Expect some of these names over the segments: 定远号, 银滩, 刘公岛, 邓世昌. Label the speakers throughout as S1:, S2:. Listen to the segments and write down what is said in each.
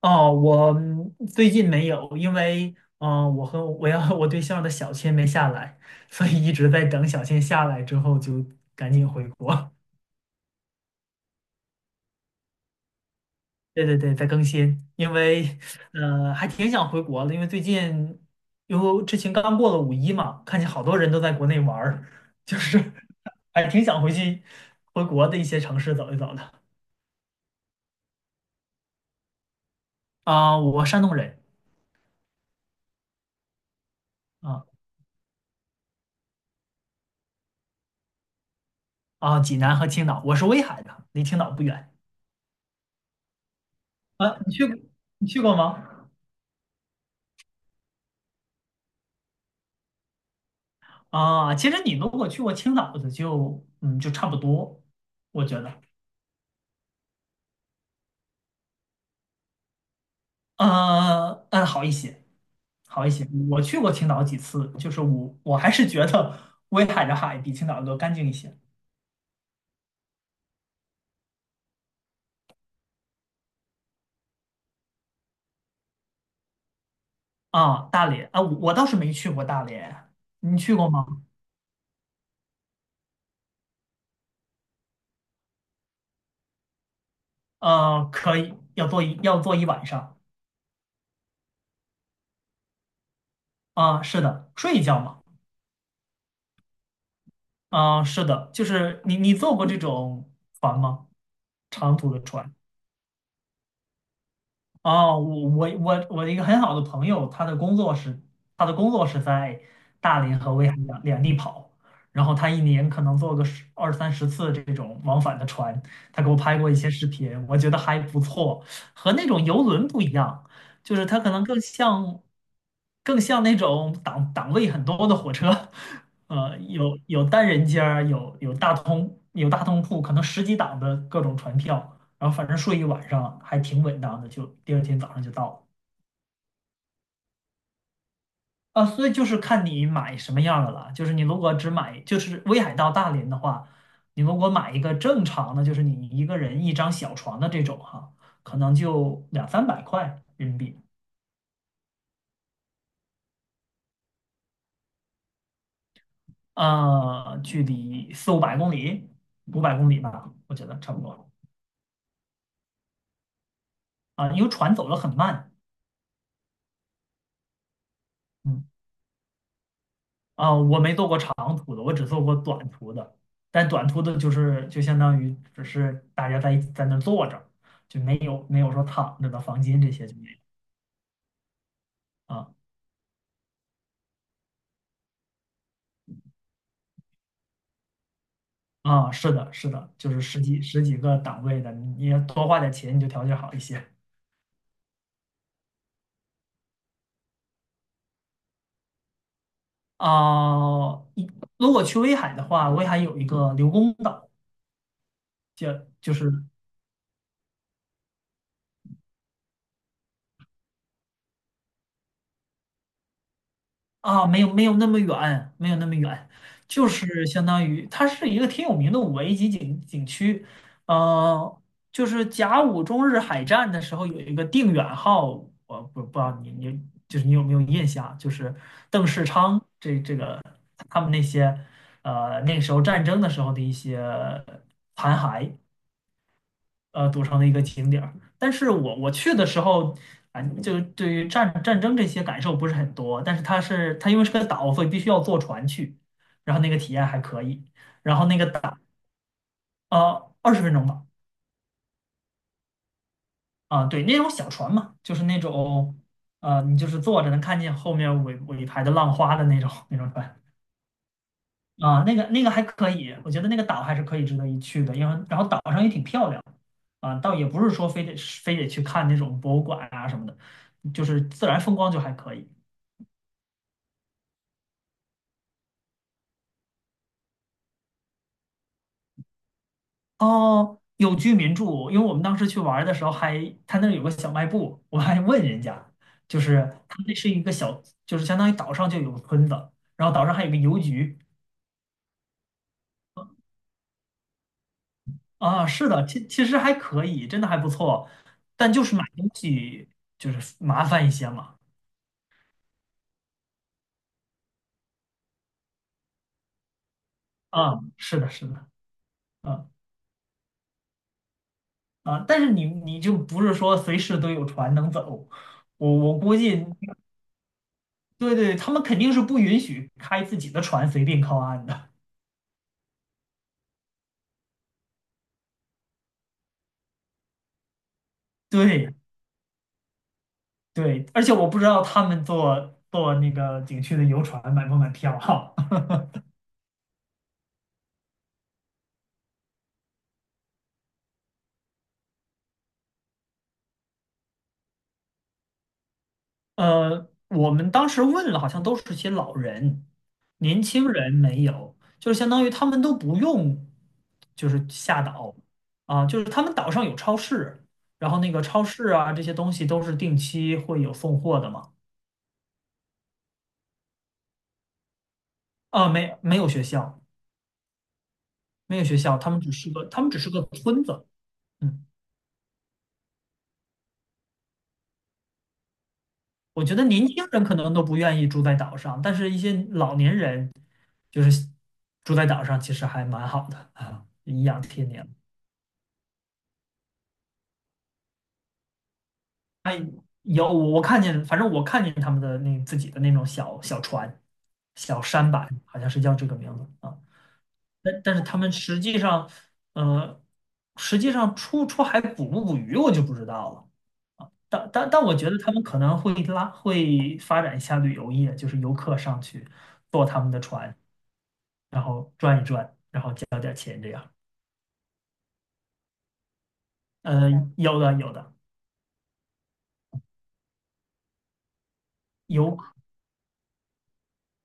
S1: 哦，我最近没有，因为我要和我对象的小签没下来，所以一直在等小签下来之后就赶紧回国。对对对，在更新，因为还挺想回国的，因为之前刚过了五一嘛，看见好多人都在国内玩儿，就是还挺想回国的一些城市走一走的。啊，我山东人。啊啊，济南和青岛，我是威海的，离青岛不远。啊，你去过吗？啊，其实你如果去过青岛的就差不多，我觉得。嗯，好一些，好一些。我去过青岛几次，就是我还是觉得威海的海比青岛的干净一些。啊。大连啊，我倒是没去过大连，你去过吗？可以，要坐一晚上。啊。是的，睡一觉嘛。啊，是的，就是你坐过这种船吗？长途的船？哦，我的一个很好的朋友，他的工作是在大连和威海两地跑，然后他一年可能坐个十二三十次这种往返的船，他给我拍过一些视频，我觉得还不错，和那种游轮不一样，就是它可能更像那种档位很多的火车，有单人间儿，有大通铺，可能十几档的各种船票。然后反正睡一晚上还挺稳当的，就第二天早上就到了。啊，所以就是看你买什么样的了。就是你如果只买，就是威海到大连的话，你如果买一个正常的，就是你一个人一张小床的这种哈，可能就两三百块人民币。啊，距离四五百公里，五百公里吧，我觉得差不多。啊，因为船走得很慢。嗯。啊，我没做过长途的，我只做过短途的。但短途的，就是就相当于只是大家在那坐着，就没有说躺着的房间，这些就没有。啊啊，是的，是的，就是十几个档位的，你要多花点钱，你就条件好一些。啊。如果去威海的话，威海有一个刘公岛，就是。啊，没有那么远，没有那么远。就是相当于它是一个挺有名的五 A 级景区，呃，就是甲午中日海战的时候有一个定远号，我不知道你你有没有印象啊，就是邓世昌这他们那些那个时候战争的时候的一些残骸，组成的一个景点儿。但是我去的时候，啊，就对于战争这些感受不是很多，但是它因为是个岛，所以必须要坐船去，然后那个体验还可以。然后那个岛。啊，20分钟吧。啊，对，那种小船嘛，就是那种，你就是坐着能看见后面尾排的浪花的那种船。啊，那个还可以，我觉得那个岛还是可以值得一去的，因为然后岛上也挺漂亮。啊，倒也不是说非得去看那种博物馆啊什么的，就是自然风光就还可以。哦，有居民住，因为我们当时去玩儿的时候还，他那儿有个小卖部，我还问人家，就是他那是一个小，就是相当于岛上就有个村子，然后岛上还有个邮局。啊，是的，其实还可以，真的还不错，但就是买东西就是麻烦一些嘛。啊，是的，是的。啊啊！但是你就不是说随时都有船能走，我估计。对对，他们肯定是不允许开自己的船随便靠岸的。对对，而且我不知道他们坐那个景区的游船买不买票哈。我们当时问了，好像都是些老人，年轻人没有，就是相当于他们都不用，就是下岛。啊，就是他们岛上有超市，然后那个超市啊这些东西都是定期会有送货的嘛。啊，没有学校，没有学校，他们只是个村子。嗯，我觉得年轻人可能都不愿意住在岛上，但是一些老年人就是住在岛上，其实还蛮好的啊，颐养天年。哎，我看见，反正我看见他们的那自己的那种小小船、小舢板，好像是叫这个名字啊。但是他们呃，实际上出海捕不捕鱼，我就不知道了。但我觉得他们可能会发展一下旅游业，就是游客上去坐他们的船，然后转一转。呃，有的有的。游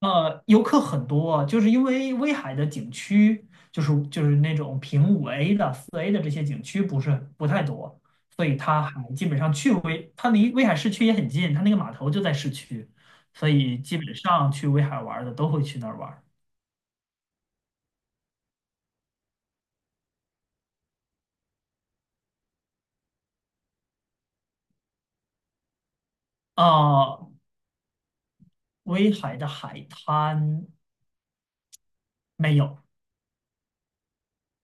S1: 游客很多啊，就是因为威海的景区，就是那种评五 A 的、四 A 的这些景区不太多，所以它还基本上去威，它离威海市区也很近，它那个码头就在市区，所以基本上去威海玩儿的都会去那儿玩。啊，威海的海滩没有，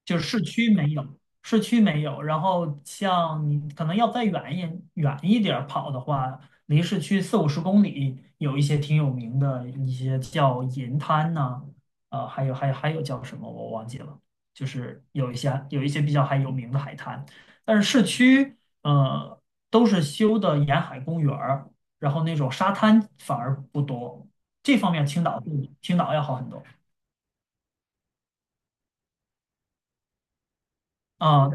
S1: 就是市区没有，市区没有。然后像你可能要再远一点儿跑的话，离市区四五十公里，有一些挺有名的一些叫银滩呐，还有叫什么我忘记了，就是有一些比较还有名的海滩，但是市区呃都是修的沿海公园儿，然后那种沙滩反而不多，这方面青岛比青岛要好很多。啊，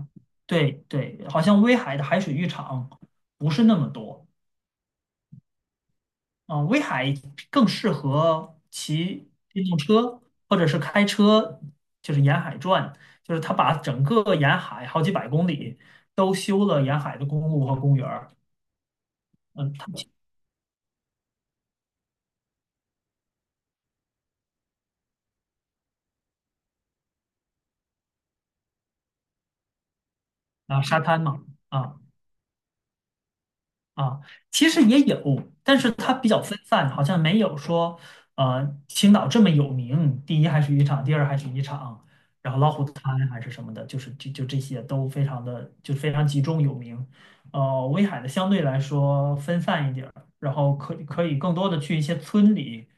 S1: 对对，好像威海的海水浴场不是那么多啊，威海更适合骑电动车或者是开车，就是沿海转，就是他把整个沿海好几百公里都修了沿海的公路和公园儿。嗯，它啊沙滩嘛，啊。啊，其实也有，但是它比较分散，好像没有说，青岛这么有名，第一还是渔场，第二还是渔场，然后老虎滩还是什么的，就是这些都非常集中有名。威海的相对来说分散一点儿，然后可以更多的去一些村里。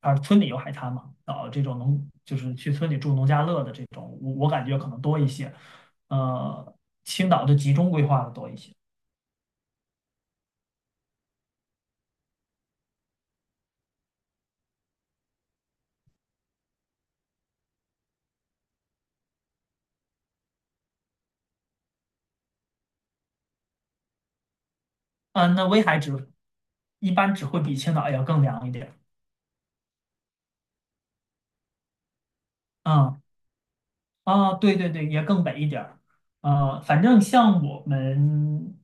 S1: 啊，村里有海滩嘛，啊，这种农就是去村里住农家乐的这种，我感觉可能多一些。呃，青岛的集中规划的多一些。嗯，那威海一般只会比青岛要更凉一点儿。嗯，啊，对对对，也更北一点儿。反正像我们，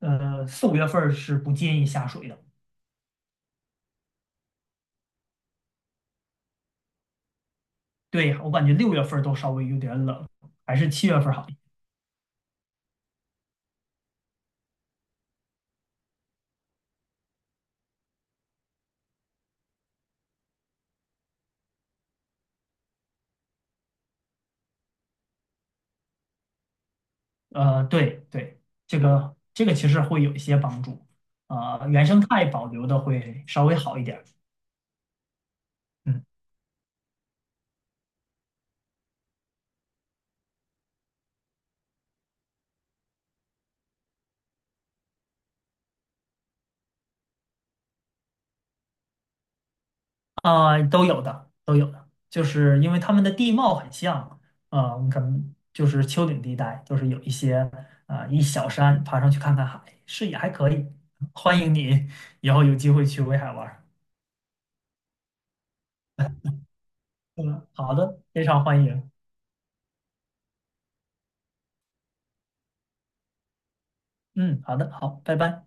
S1: 四五月份儿是不建议下水的。对，我感觉六月份儿都稍微有点冷，还是七月份儿好一点。对对，这个其实会有一些帮助。啊，原生态保留的会稍微好一点儿。嗯。啊，都有的，都有的，就是因为他们的地貌很像。啊，我们可能就是丘陵地带，就是有一些啊、一小山，爬上去看看海，视野还可以。欢迎你以后有机会去威海玩儿。嗯，好的，非常欢迎。嗯，好的，好，拜拜。